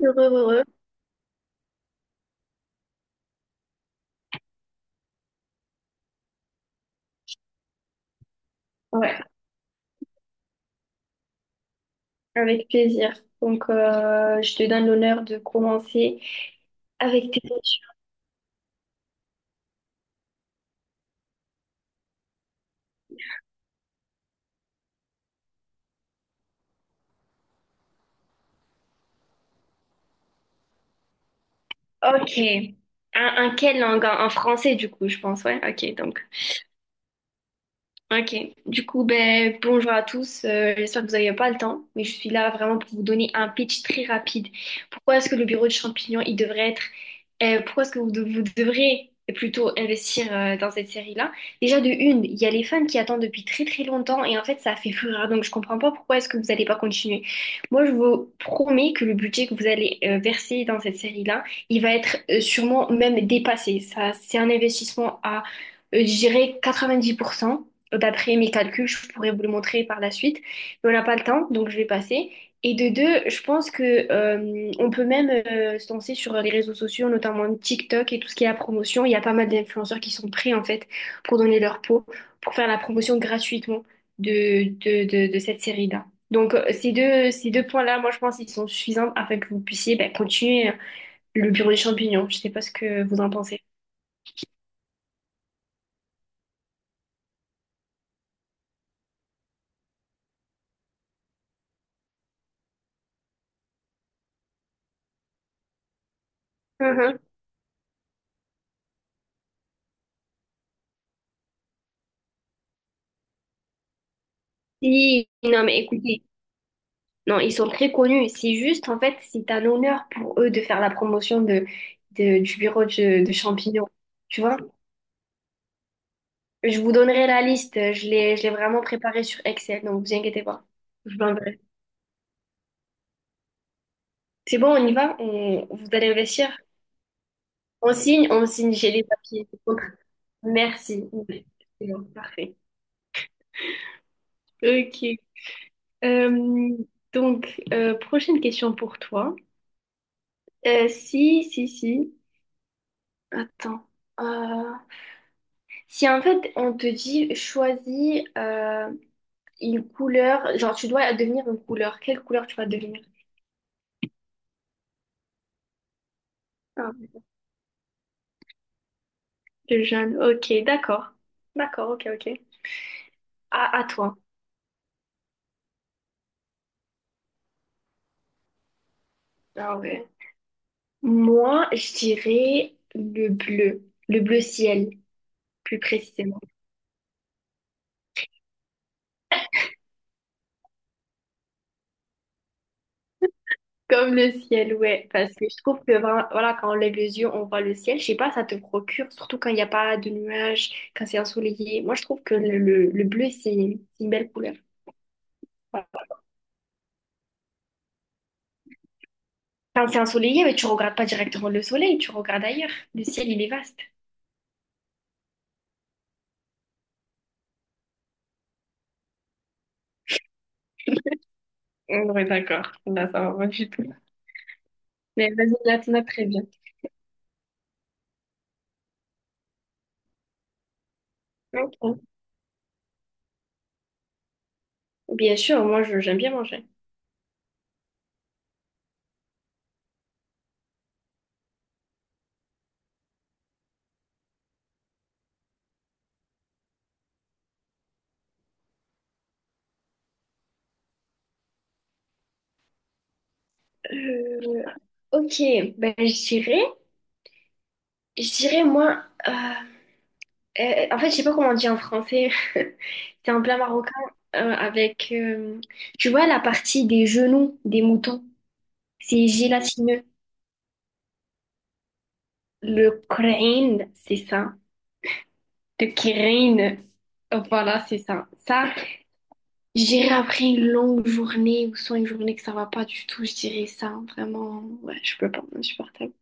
Heureux, heureux. Ouais, avec plaisir. Donc, je te donne l'honneur de commencer avec tes questions. Ok. Un en quelle langue? En français, du coup, je pense. Ouais, ok. Donc, ok, du coup, ben, bonjour à tous. J'espère que vous n'avez pas le temps, mais je suis là vraiment pour vous donner un pitch très rapide. Pourquoi est-ce que le bureau de champignons, il devrait être, pourquoi est-ce que vous devrez plutôt investir dans cette série-là? Déjà, de une, il y a les fans qui attendent depuis très très longtemps et en fait, ça fait fureur, donc je comprends pas pourquoi est-ce que vous n'allez pas continuer. Moi, je vous promets que le budget que vous allez verser dans cette série-là, il va être sûrement même dépassé. Ça, c'est un investissement à, je dirais, 90% d'après mes calculs, je pourrais vous le montrer par la suite, mais on n'a pas le temps, donc je vais passer. Et de deux, je pense que on peut même se lancer sur les réseaux sociaux, notamment TikTok et tout ce qui est la promotion. Il y a pas mal d'influenceurs qui sont prêts en fait pour donner leur peau, pour faire la promotion gratuitement de cette série-là. Donc, ces deux points-là, moi je pense qu'ils sont suffisants afin que vous puissiez ben, continuer le bureau des champignons. Je sais pas ce que vous en pensez. Mhm. Si, non mais écoutez. Non, ils sont très connus. C'est juste, en fait, c'est un honneur pour eux de faire la promotion du bureau de champignons. Tu vois? Je vous donnerai la liste. Je l'ai vraiment préparée sur Excel, donc vous inquiétez pas. Je vous l'enverrai. C'est bon, on y va? On, vous allez investir? On signe? On signe. J'ai les papiers. Merci. C'est bon, parfait. Ok. Euh, donc, prochaine question pour toi. Si, si, si. Attends. Euh, Si en fait on te dit choisis une couleur, genre tu dois devenir une couleur, quelle couleur tu vas devenir? Ah, le jaune. Ok, d'accord. D'accord, ok, ok. À toi. Ah ouais. Moi, je dirais le bleu ciel, plus précisément. Comme le ciel, ouais. Parce que je trouve que voilà, quand on lève les yeux, on voit le ciel. Je sais pas, ça te procure, surtout quand il n'y a pas de nuages, quand c'est ensoleillé. Moi, je trouve que le bleu, c'est une belle couleur. Voilà. Quand c'est ensoleillé, mais tu regardes pas directement le soleil, tu regardes ailleurs. Le ciel, il est vaste. Oui, d'accord. Là, ça va pas du tout. Mais vas-y, là, t'en as très bien. Ok. Bien sûr, moi, j'aime bien manger. Euh, ok, ben, je dirais, moi, en fait, je sais pas comment on dit en français. C'est un plat marocain avec, tu vois, la partie des genoux des moutons. C'est gélatineux. Le crâne, c'est ça. Le crâne, voilà, c'est ça. Ça, je dirais après une longue journée ou soit une journée que ça va pas du tout, je dirais ça. Vraiment, ouais, je peux pas, je suis partable.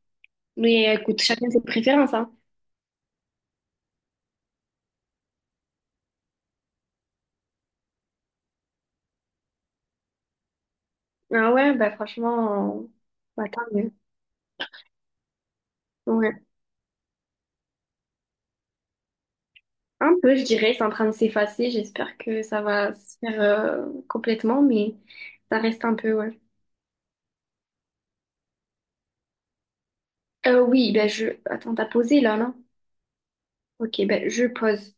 Mais écoute, chacun ses préférences, hein. Ah ouais, bah franchement, bah tant mieux. Ouais. Un peu, je dirais, c'est en train de s'effacer. J'espère que ça va se faire complètement, mais ça reste un peu, ouais. Oui, bah je... Attends, t'as posé là, non? Ok, ben je pose.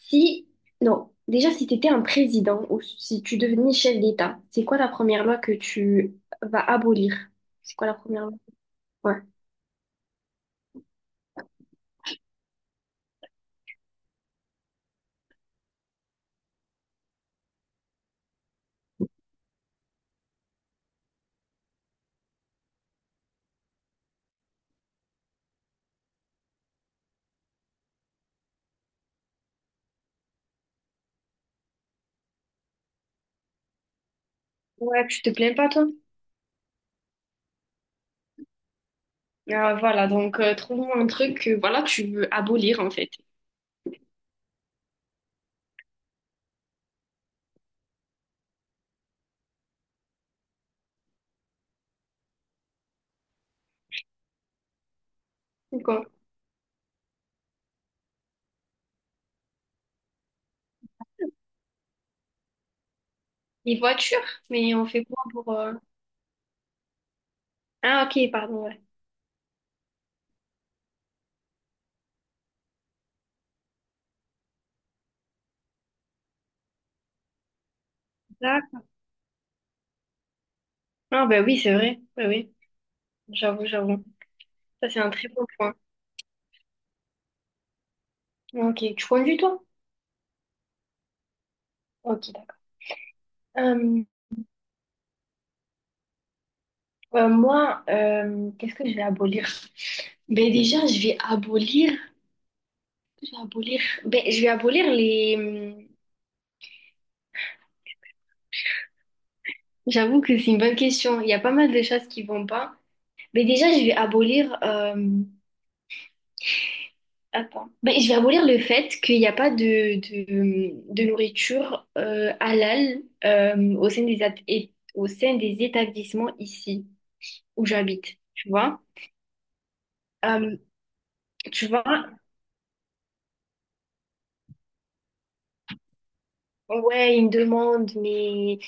Si, non, déjà si tu étais un président ou si tu devenais chef d'État, c'est quoi la première loi que tu vas abolir? C'est quoi la première loi? Ouais. Ouais, tu te plains pas, toi? Ah, voilà, donc trouve-moi un truc que, voilà, que tu veux abolir en fait. C'est quoi? Les voitures? Mais on fait quoi pour... ah ok, pardon, ouais. Là- ah ben oui, c'est vrai. Oui, oui, j'avoue. Ça, c'est un très bon point. Ok, tu conduis toi? Ok, d'accord. Moi, qu'est-ce que je vais abolir? Ben déjà, je vais abolir. Je vais abolir. Ben, je vais abolir les. Hmm, j'avoue que c'est une bonne question. Il y a pas mal de choses qui vont pas. Ben déjà, je vais abolir. Attends. Ben, je vais abolir le fait qu'il n'y a pas de nourriture halal au sein des établissements ici où j'habite. Tu vois? Euh, tu vois? Ouais, ils me demandent, mais.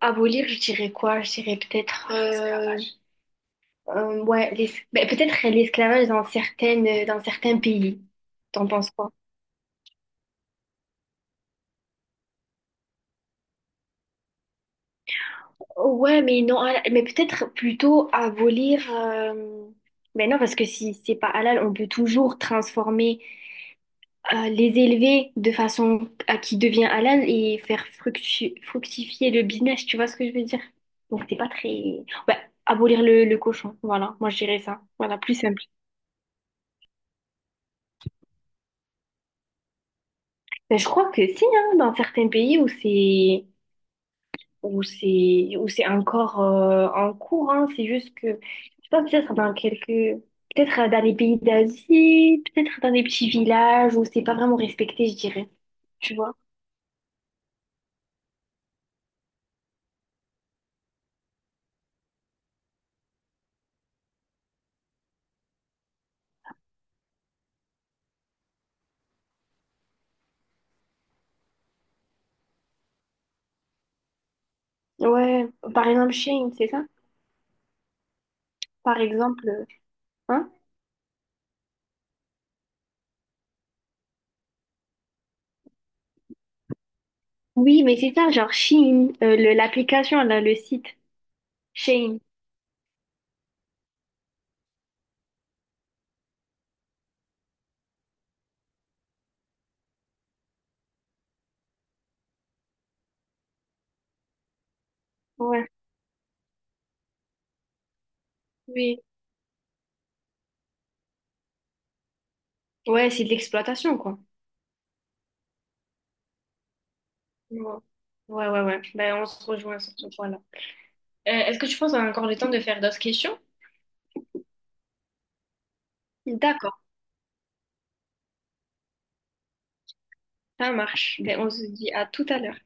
Abolir, je dirais quoi? Je dirais peut-être l'esclavage. Ben, peut-être l'esclavage dans certaines dans certains pays. T'en penses quoi? Ouais, mais non, halal- mais peut-être plutôt abolir. Mais non, parce que si c'est pas halal, on peut toujours transformer, les élever de façon à qui devient halal et faire fructifier le business. Tu vois ce que je veux dire? Donc c'est pas très. Ouais, abolir le cochon. Voilà, moi je dirais ça. Voilà, plus simple. Ben, je crois que si, hein, dans certains pays où c'est encore en cours, hein, c'est juste que je sais pas peut-être dans les pays d'Asie, peut-être dans des petits villages où c'est pas vraiment respecté, je dirais. Tu vois? Ouais, par exemple Chine, c'est ça? Par exemple, hein? Oui, mais c'est ça, genre Chine, l'application là, le site Chine. Ouais, oui. Ouais, c'est de l'exploitation quoi. Ouais, ouais, ouais. Ben, on se rejoint sur ce point-là. Est-ce que tu penses qu'on a encore le temps de faire d'autres questions? D'accord, ça marche. Ben, on se dit à tout à l'heure.